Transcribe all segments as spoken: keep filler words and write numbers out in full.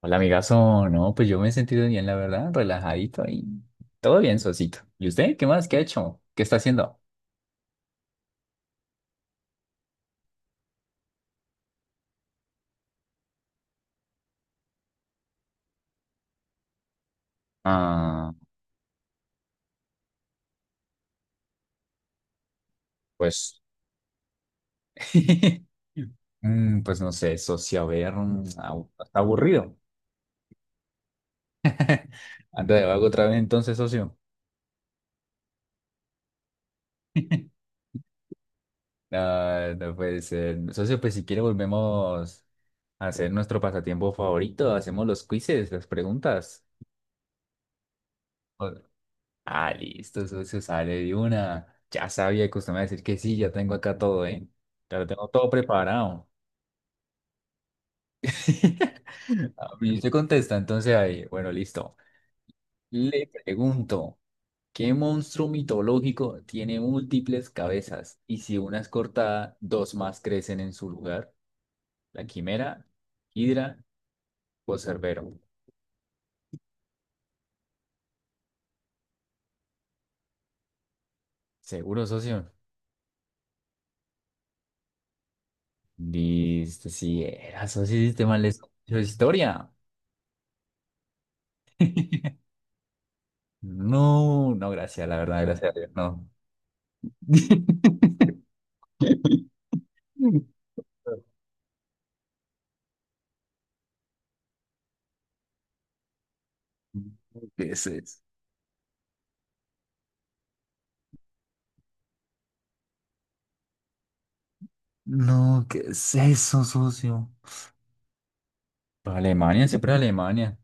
Hola, amigazo. No, pues yo me he sentido bien, la verdad, relajadito y todo bien, socito. ¿Y usted? ¿Qué más? ¿Qué ha hecho? ¿Qué está haciendo? Ah, pues, mm, pues no sé, socio, a ver, mm, abu- está aburrido. Ando de vago otra vez, entonces, socio. Ah, no puede ser. Socio, pues si quiere volvemos a hacer nuestro pasatiempo favorito, hacemos los quizzes, las preguntas. Ah, listo, eso se sale de una. Ya sabía que usted me iba a decir que sí, ya tengo acá todo, ¿eh? Ya lo tengo todo preparado. A mí se contesta, entonces ahí, bueno, listo. Le pregunto, ¿qué monstruo mitológico tiene múltiples cabezas? Y si una es cortada, dos más crecen en su lugar. La quimera, Hidra o Cerbero. Seguro, socio. Listo, sí era, socio, sistema de historia. No, no, gracias, la verdad, gracias a Dios, no. ¿Qué es eso? No, ¿qué es eso, socio? Pues Alemania, siempre Alemania.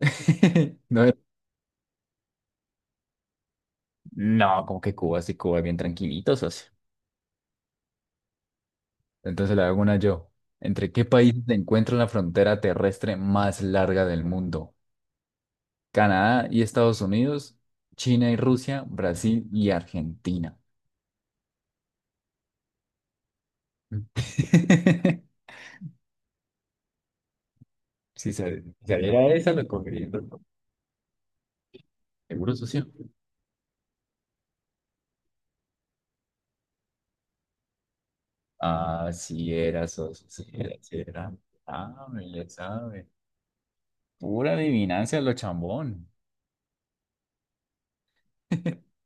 No, no, como que Cuba, sí, Cuba es bien tranquilito, socio. Entonces le hago una yo. ¿Entre qué países se encuentra la frontera terrestre más larga del mundo? Canadá y Estados Unidos, China y Rusia, Brasil y Argentina. Si sal- si saliera esa, lo cogería. Seguro, socio. Ah, sí era, socio, sí era, sí era. Ah, me le sabe. Pura adivinanza lo chambón.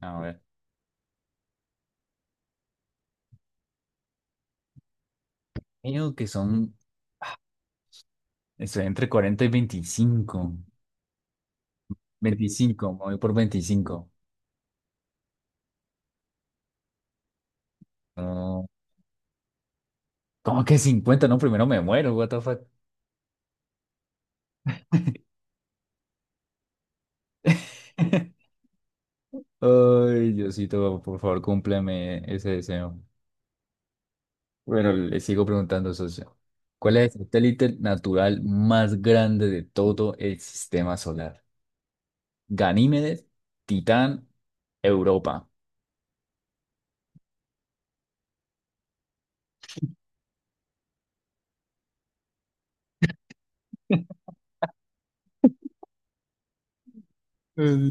A ver, creo que son, ah, estoy entre cuarenta y veinticinco, veinticinco, me voy por veinticinco. No, ¿cómo que cincuenta? No, primero me muero, what the fuck. Ay, Diosito, por favor, cúmpleme ese deseo. Bueno, le sigo preguntando, socio. ¿Cuál es el satélite natural más grande de todo el sistema solar? Ganímedes, Titán, Europa. Eh,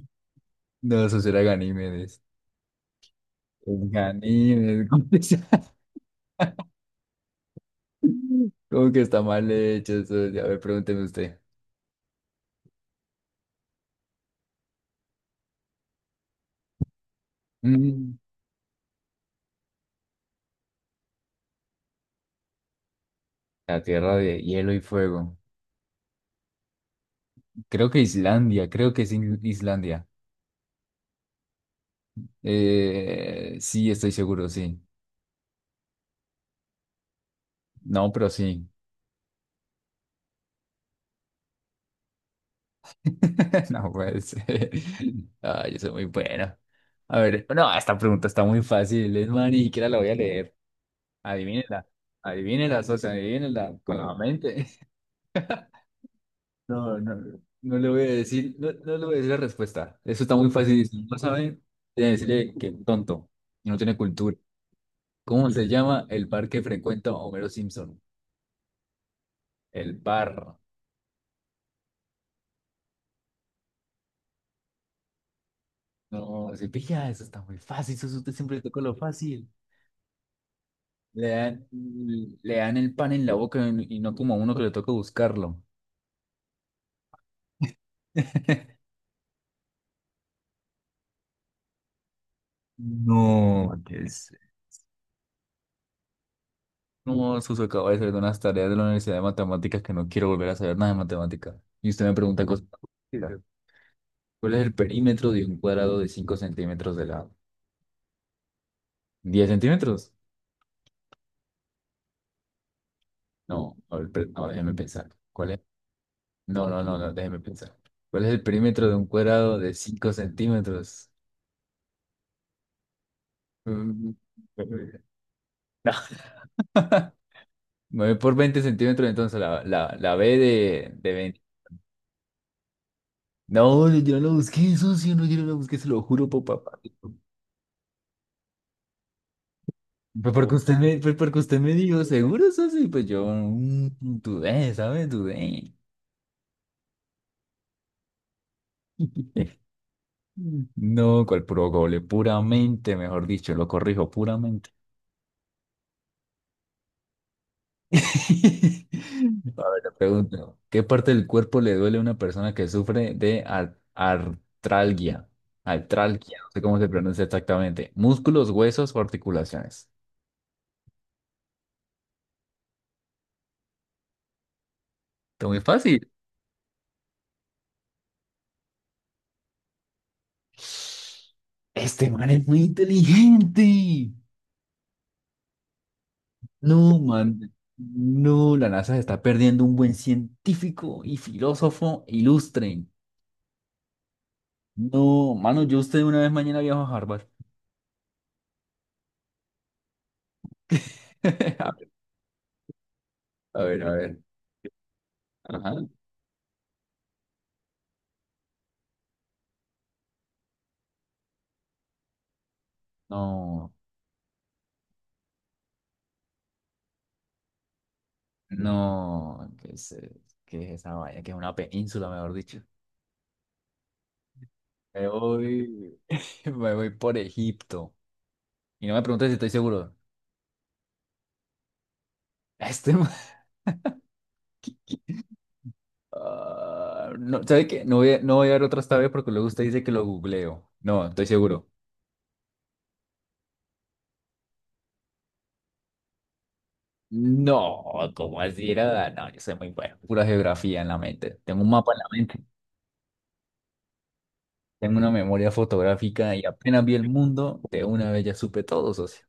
No, eso será Ganímedes. Es Ganímedes. ¿Cómo que está cómo que está mal hecho eso? A ver, pregúnteme usted. Mm, La tierra de hielo y fuego. Creo que Islandia, creo que es In- Islandia. Eh, sí, estoy seguro, sí. No, pero sí. No puede ser. Ah, yo soy muy bueno. A ver, no, esta pregunta está muy fácil, es más, ni siquiera la voy a leer. Adivínela, adivínela, socio, adivínela con la mente. No, no, no le voy a decir, no, no le voy a decir la respuesta. Eso está muy fácil. Si no sabe, tiene que decirle que tonto, y no tiene cultura. ¿Cómo se llama el bar que frecuenta Homero Simpson? El bar. No, se pilla, eso está muy fácil, eso usted siempre le toca lo fácil. Le dan, le dan el pan en la boca y no como a uno que le toca buscarlo. No, qué es. No, Suso, acabo de hacer unas tareas de la Universidad de Matemáticas que no quiero volver a saber nada de matemática. Y usted me pregunta cosas. ¿Cuál es el perímetro de un cuadrado de cinco centímetros de lado? ¿Diez centímetros? No, a ver, per- ahora déjeme pensar. ¿Cuál es? No, no, no, no, déjeme pensar. ¿Cuál es el perímetro de un cuadrado de cinco centímetros? Mm, No. Me voy por veinte centímetros, entonces la, la, la B de, de veinte. No, yo no lo busqué, socio, no, yo no lo busqué, se lo juro por papá. Pues porque usted me, pues porque usted me dijo, ¿seguro eso sí? Pues yo mm, dudé, ¿sabes? Dudé. No, cual puro gole, puramente, mejor dicho, lo corrijo, puramente. A ver, le pregunto, ¿qué parte del cuerpo le duele a una persona que sufre de ar- artralgia? Artralgia, no sé cómo se pronuncia exactamente. Músculos, huesos o articulaciones. Está muy fácil. Este man es muy inteligente. No, man, no, la NASA se está perdiendo un buen científico y filósofo ilustre. No, mano, yo usted una vez mañana viajo a Harvard. A ver, a ver. Ajá. No, no, ¿qué es, qué es esa vaina? Que es una península, mejor dicho. Me voy, me voy por Egipto. Y no me preguntes si estoy seguro. Este man. Ah, no, ¿sabe qué? No voy a, no voy a dar otra esta vez porque luego usted dice que lo googleo. No, estoy seguro. No, ¿cómo así era? No, yo soy muy bueno. Pura geografía en la mente. Tengo un mapa en la mente. Tengo una memoria fotográfica y apenas vi el mundo, de una vez ya supe todo, socio.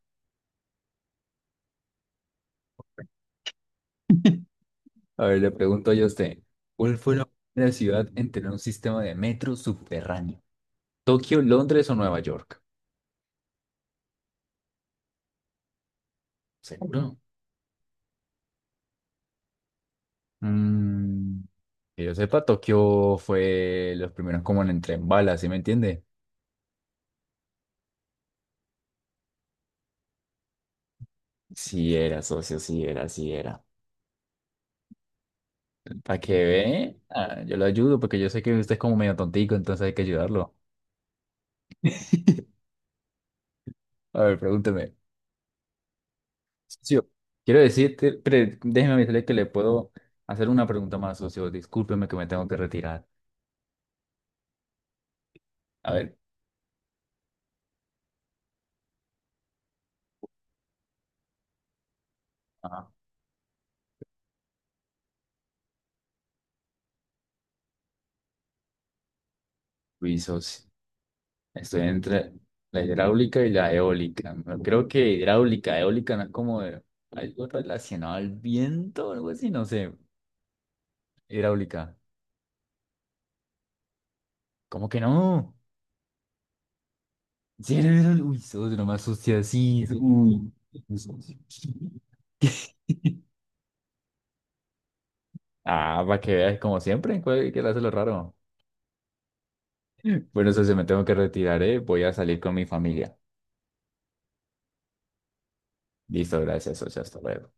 A ver, le pregunto yo a usted, ¿cuál fue la primera ciudad en tener un sistema de metro subterráneo? ¿Tokio, Londres o Nueva York? ¿Seguro? Mm, que yo sepa, Tokio fue los primeros como en el tren bala, ¿sí me entiende? Sí era, socio, sí era, sí era. Para que ve, ah, yo lo ayudo porque yo sé que usted es como medio tontico, entonces hay que ayudarlo. A ver, pregúnteme. Socio, quiero decirte, pre- déjeme decirle que le puedo hacer una pregunta más, socio. Discúlpeme que me tengo que retirar. A ver, ah, uy, socio, estoy entre la hidráulica y la eólica. No, creo que hidráulica, eólica no es como de- algo relacionado al viento o algo así, no sé. Hidráulica. ¿Cómo que no? Lleno de la luz, oh, una más sucia así. Sí. Uy. Ah, para que veas, como siempre, ¿cuál- ¿qué le hace lo raro? Bueno, socio, me tengo que retirar, ¿eh? Voy a salir con mi familia. Listo, gracias, socio, hasta luego.